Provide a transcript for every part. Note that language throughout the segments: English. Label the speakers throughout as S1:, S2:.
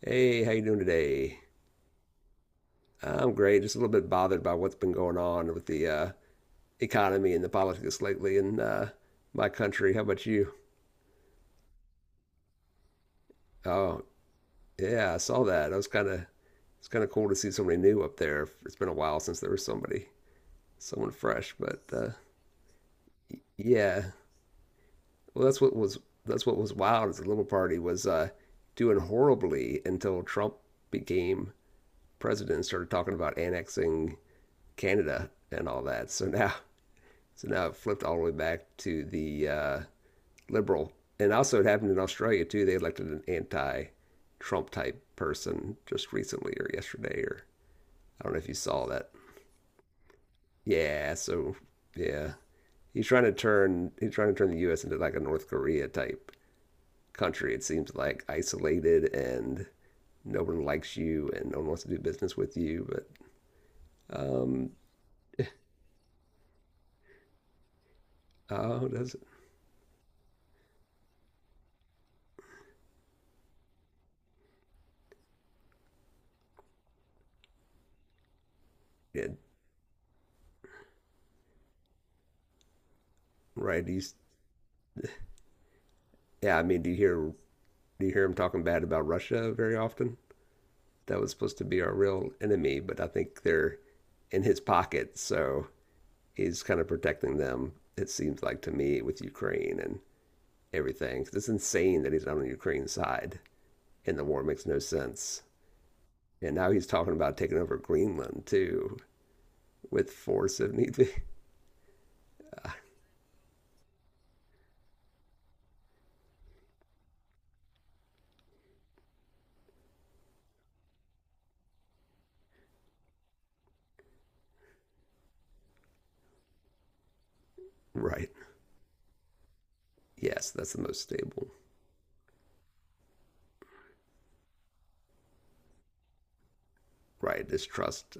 S1: Hey, how you doing today? I'm great. Just a little bit bothered by what's been going on with the economy and the politics lately in my country. How about you? Oh, yeah, I saw that. I was kind of It's kind of cool to see somebody new up there. It's been a while since there was somebody someone fresh, but yeah. Well, that's what was wild. Is the Liberal Party was doing horribly until Trump became president and started talking about annexing Canada and all that. So now it flipped all the way back to the liberal. And also, it happened in Australia too. They elected an anti Trump type person just recently or yesterday, or I don't know if you saw that. Yeah, so yeah. He's trying to turn the US into like a North Korea type country. It seems like isolated and no one likes you and no one wants to do business with you. But um oh does it yeah, right. He's yeah, I mean do you hear him talking bad about Russia very often? That was supposed to be our real enemy, but I think they're in his pocket, so he's kind of protecting them. It seems like to me with Ukraine and everything. 'Cause it's insane that he's on Ukraine's side, and the war makes no sense. And now he's talking about taking over Greenland too, with force if need be. Right. Yes, that's the most stable. Right. Distrust.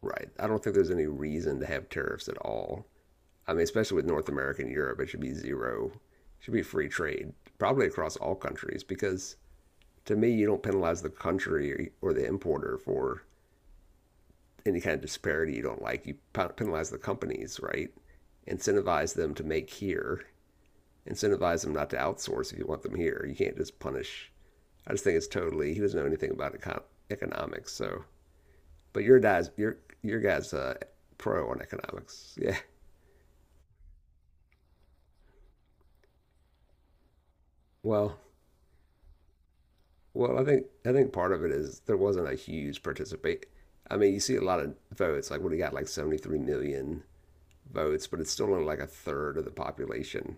S1: Right. I don't think there's any reason to have tariffs at all. I mean, especially with North America and Europe, it should be zero. It should be free trade, probably across all countries, because to me, you don't penalize the country or the importer for any kind of disparity you don't like. You penalize the companies, right? Incentivize them to make here. Incentivize them not to outsource if you want them here. You can't just punish. I just think it's totally. He doesn't know anything about economics. So, but your guys, pro on economics. Yeah. Well, Well, I think part of it is there wasn't a huge participate. I mean, you see a lot of votes, like when he got like 73 million votes, but it's still only like a third of the population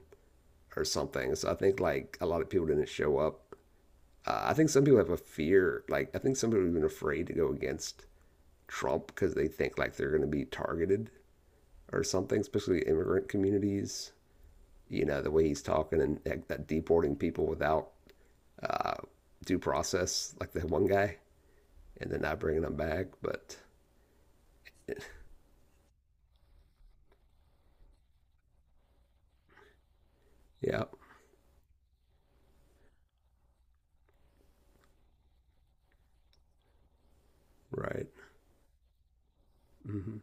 S1: or something. So I think like a lot of people didn't show up. I think some people have a fear, like I think some people have been afraid to go against Trump because they think like they're going to be targeted or something, especially immigrant communities. You know, the way he's talking and like, that deporting people without uh, due process, like the one guy and then not bringing them back. But yeah, right. Hmm.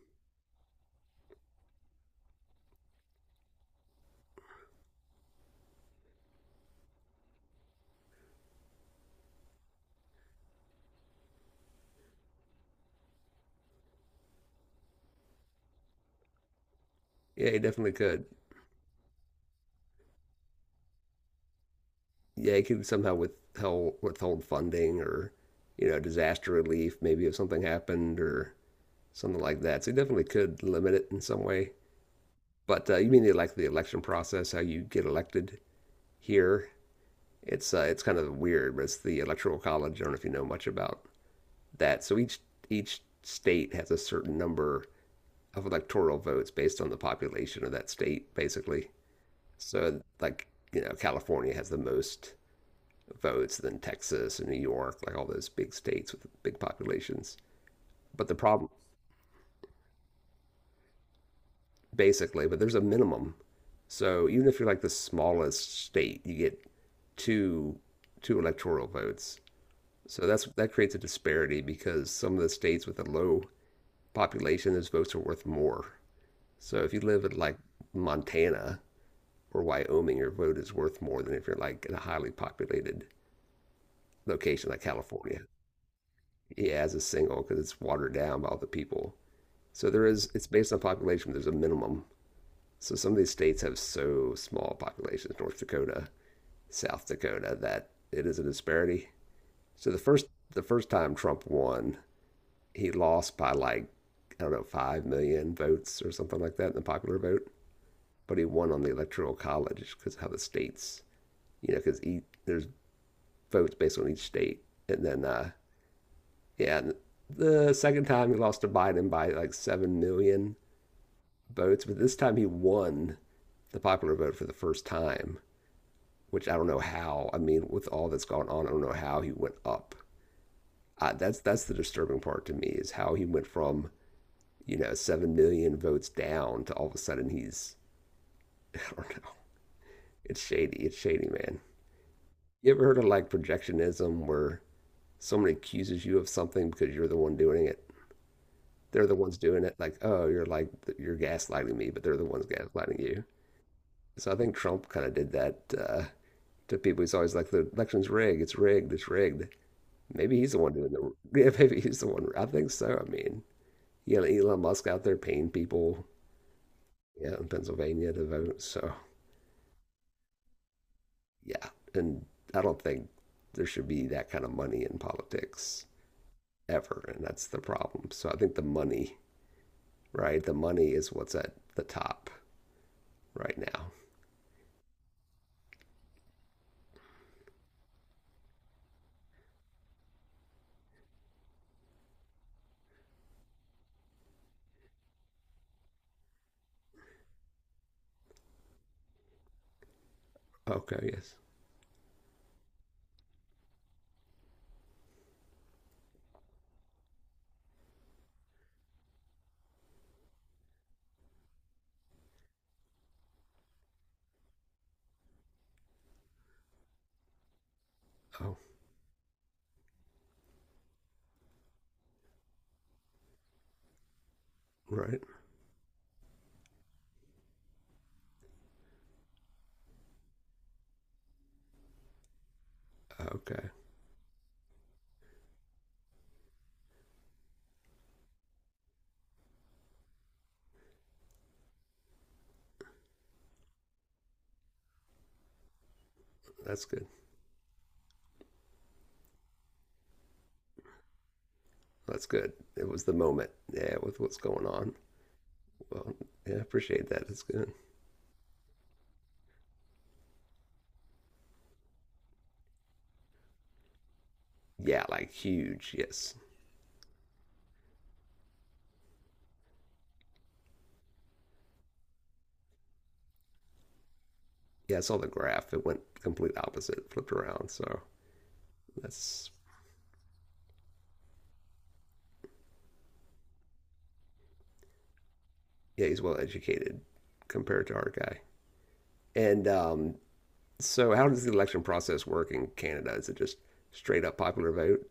S1: Yeah, he definitely could. Yeah, he could somehow withhold funding or you know disaster relief maybe if something happened or something like that. So he definitely could limit it in some way. But you mean like the election process, how you get elected here? It's kind of weird, but it's the electoral college. I don't know if you know much about that. So each state has a certain number of electoral votes based on the population of that state, basically. So like you know, California has the most votes than Texas and New York, like all those big states with big populations. But the problem, basically, but there's a minimum. So even if you're like the smallest state, you get two two electoral votes. So that's that creates a disparity because some of the states with a low population, those votes are worth more. So if you live in like Montana or Wyoming, your vote is worth more than if you're like in a highly populated location like California. Yeah, as a single because it's watered down by all the people. So there is, it's based on population, there's a minimum. So some of these states have so small populations, North Dakota, South Dakota, that it is a disparity. So the first, the first time Trump won, he lost by like, I don't know, 5 million votes or something like that in the popular vote. But he won on the electoral college because of how the states, you know, because there's votes based on each state. And then Yeah, the second time he lost to Biden by like 7 million votes, but this time he won the popular vote for the first time, which I don't know how. I mean, with all that's gone on, I don't know how he went up. That's the disturbing part to me is how he went from you know 7 million votes down to all of a sudden he's I don't know. It's shady. Man. You ever heard of like projectionism where someone accuses you of something because you're the one doing it? They're the ones doing it. Like, oh, you're gaslighting me, but they're the ones gaslighting you. So I think Trump kind of did that to people. He's always like, the election's rigged. It's rigged. It's rigged. Maybe he's the one doing the. Yeah, maybe he's the one. I think so. I mean, you got Elon Musk out there paying people, yeah, in Pennsylvania to vote. So yeah, and I don't think there should be that kind of money in politics ever, and that's the problem. So I think the money, right? The money is what's at the top right now. Okay. Yes. Oh, right. Okay. That's good. That's good. It was the moment. Yeah, with what's going on. Well, yeah, I appreciate that. That's good. Yeah, like huge. Yes. Yeah, I saw the graph. It went complete opposite, flipped around. So that's, yeah, he's well educated compared to our guy. And so, how does the election process work in Canada? Is it just straight up popular vote?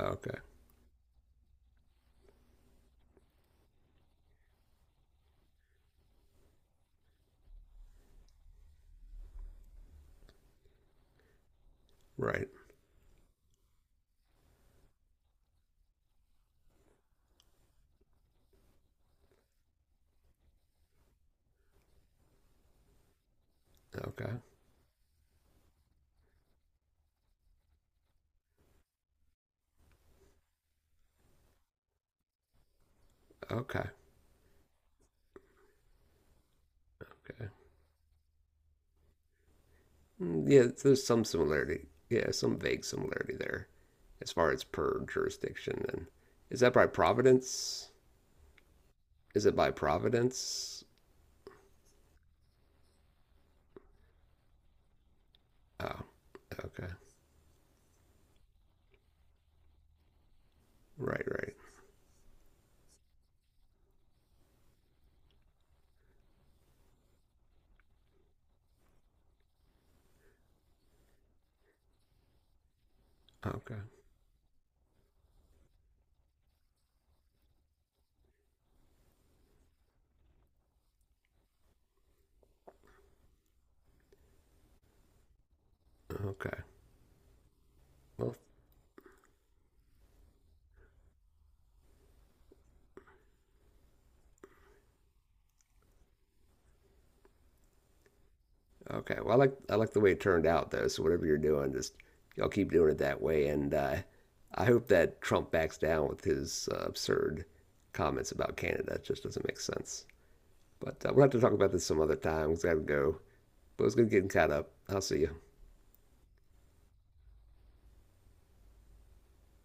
S1: Okay. Right. Okay. Okay. Okay. Mm, yeah, there's some similarity. Yeah, some vague similarity there as far as per jurisdiction. And is that by Providence? Is it by Providence? Oh, okay. Right, right. Okay, okay. Well, okay. Well, I like the way it turned out though. So whatever you're doing, just y'all keep doing it that way. And I hope that Trump backs down with his absurd comments about Canada. It just doesn't make sense. But we'll have to talk about this some other time. We've got to go. But it's going to get caught up. I'll see you.